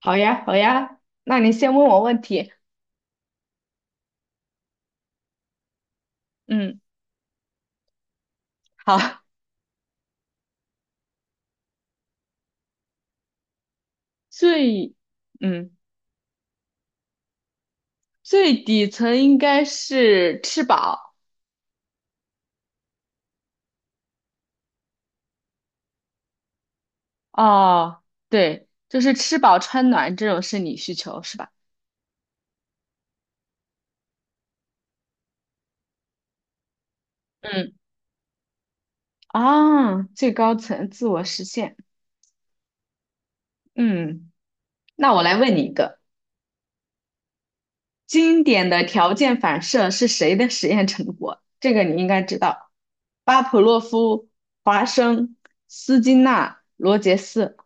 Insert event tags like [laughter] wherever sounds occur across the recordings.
好呀，好呀，那你先问我问题。嗯，好，[laughs] 最，嗯，最底层应该是吃饱，哦，对，就是吃饱穿暖这种是你需求是吧？嗯啊，最高层自我实现。嗯，那我来问你一个，经典的条件反射是谁的实验成果？这个你应该知道，巴甫洛夫、华生、斯金纳、罗杰斯。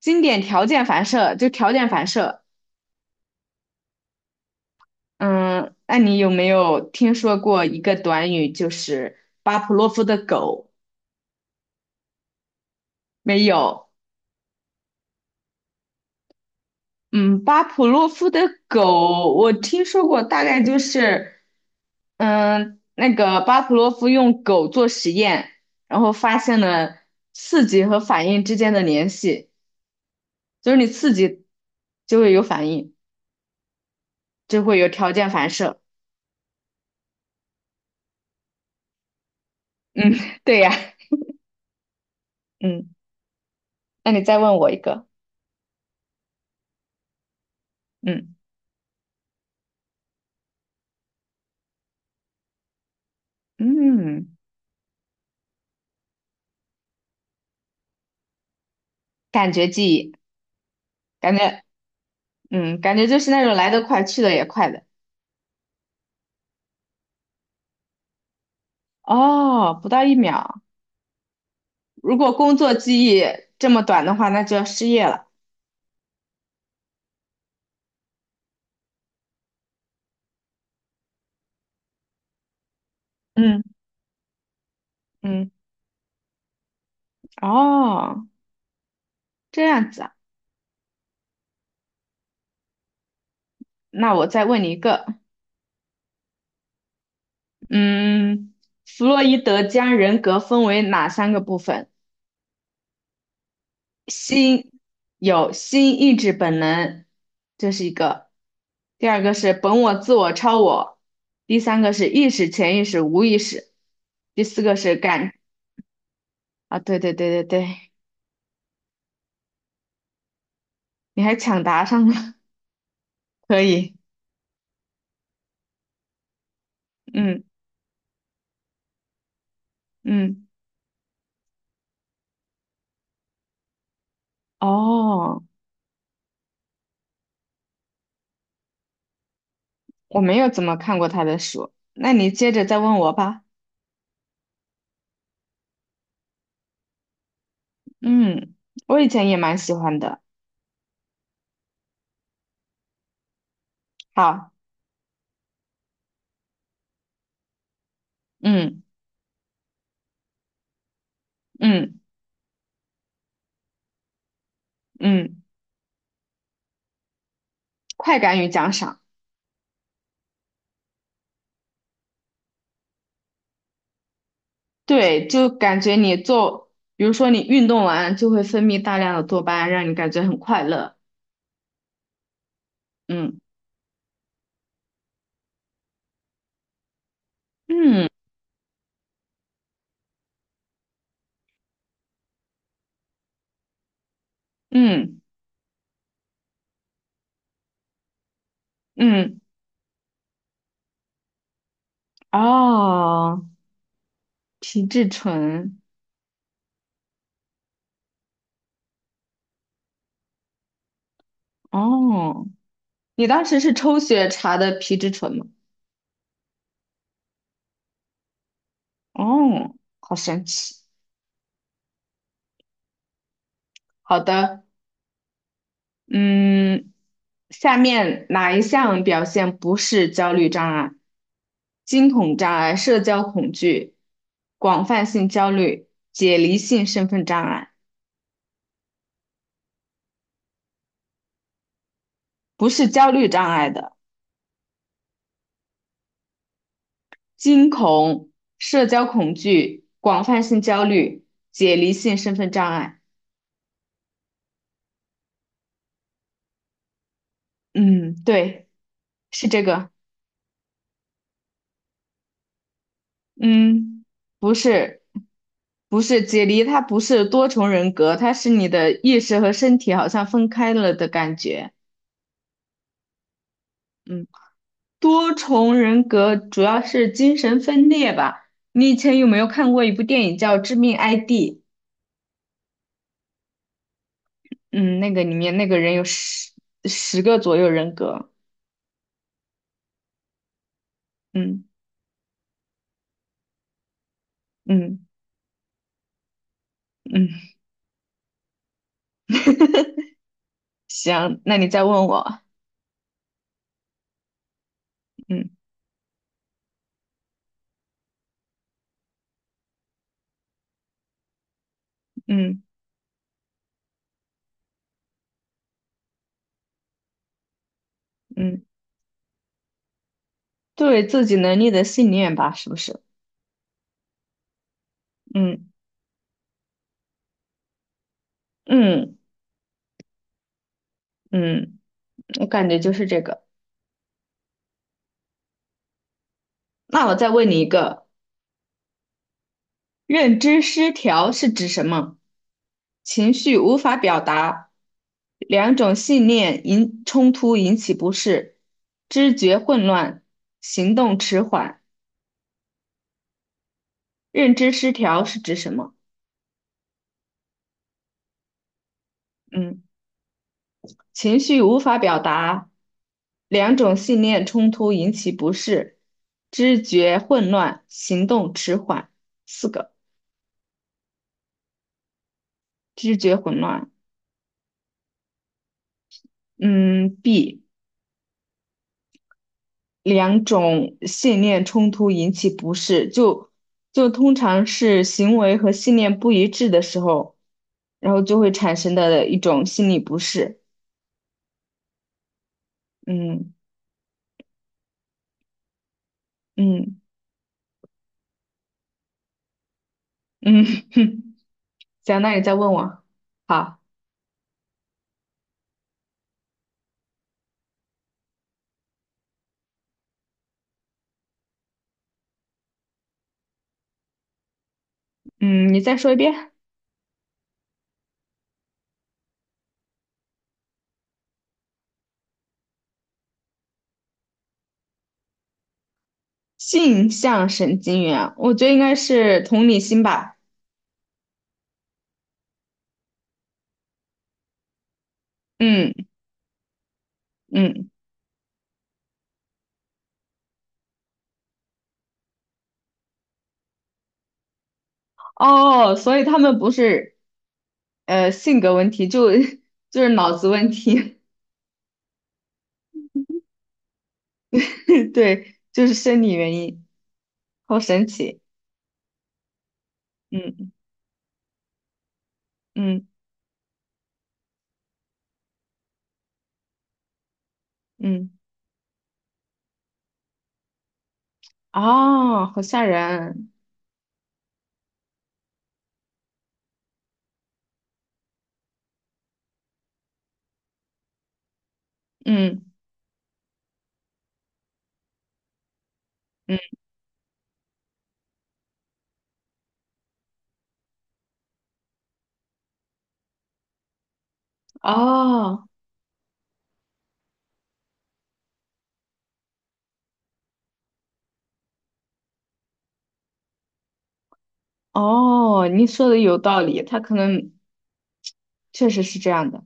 经典条件反射，就条件反射。嗯，那你有没有听说过一个短语，就是巴甫洛夫的狗？没有。嗯，巴甫洛夫的狗，我听说过，大概就是，嗯，那个巴甫洛夫用狗做实验，然后发现了刺激和反应之间的联系，就是你刺激就会有反应，就会有条件反射。嗯，[laughs] 对呀。嗯，那你再问我一个。嗯。嗯，感觉记忆，感觉，嗯，感觉就是那种来得快，去得也快的。哦，不到一秒。如果工作记忆这么短的话，那就要失业了。嗯，嗯，哦，这样子啊。那我再问你一个，嗯，弗洛伊德将人格分为哪三个部分？心有心意志本能，这是一个；第二个是本我、自我、超我；第三个是意识、潜意识、无意识；第四个是啊，对对对对对，你还抢答上了，[laughs] 可以，嗯嗯，哦，我没有怎么看过他的书，那你接着再问我吧。嗯，我以前也蛮喜欢的。好，嗯嗯嗯，快感与奖赏。对，就感觉你做，比如说你运动完就会分泌大量的多巴胺，让你感觉很快乐。嗯嗯嗯嗯，哦，皮质醇，哦，你当时是抽血查的皮质醇吗？哦，好神奇。好的，嗯，下面哪一项表现不是焦虑障碍？惊恐障碍、社交恐惧、广泛性焦虑、解离性身份障碍。不是焦虑障碍的，惊恐、社交恐惧、广泛性焦虑、解离性身份障碍。嗯，对，是这个。嗯，不是，不是解离，它不是多重人格，它是你的意识和身体好像分开了的感觉。嗯，多重人格主要是精神分裂吧。你以前有没有看过一部电影叫《致命 ID》？嗯，那个里面那个人有十个左右人格。嗯。嗯嗯，[laughs] 行，那你再问我，嗯嗯嗯，对自己能力的信念吧，是不是？嗯嗯嗯，我感觉就是这个。那我再问你一个，认知失调是指什么？情绪无法表达，两种信念冲突引起不适，知觉混乱，行动迟缓。认知失调是指什么？嗯。情绪无法表达，两种信念冲突引起不适，知觉混乱，行动迟缓。四个，知觉混乱。嗯，B，两种信念冲突引起不适，就通常是行为和信念不一致的时候，然后就会产生的一种心理不适。嗯嗯嗯，[laughs] 行，那你再问我。好，嗯，你再说一遍。性向神经元，我觉得应该是同理心吧。嗯嗯，哦，所以他们不是性格问题，就 [laughs] 就是脑子问题，[laughs] 对，就是生理原因，好神奇。嗯嗯嗯，哦，好吓人。嗯嗯，哦哦，你说的有道理，他可能确实是这样的。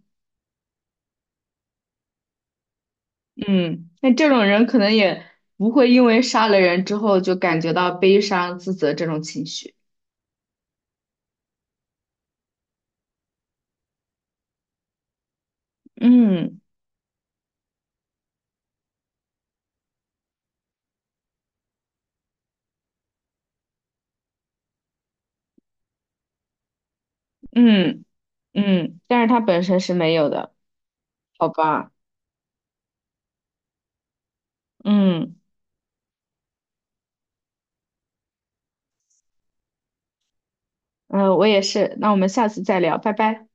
嗯，那这种人可能也不会因为杀了人之后就感觉到悲伤、自责这种情绪。嗯嗯嗯，但是他本身是没有的，好吧？嗯嗯，我也是。那我们下次再聊，拜拜。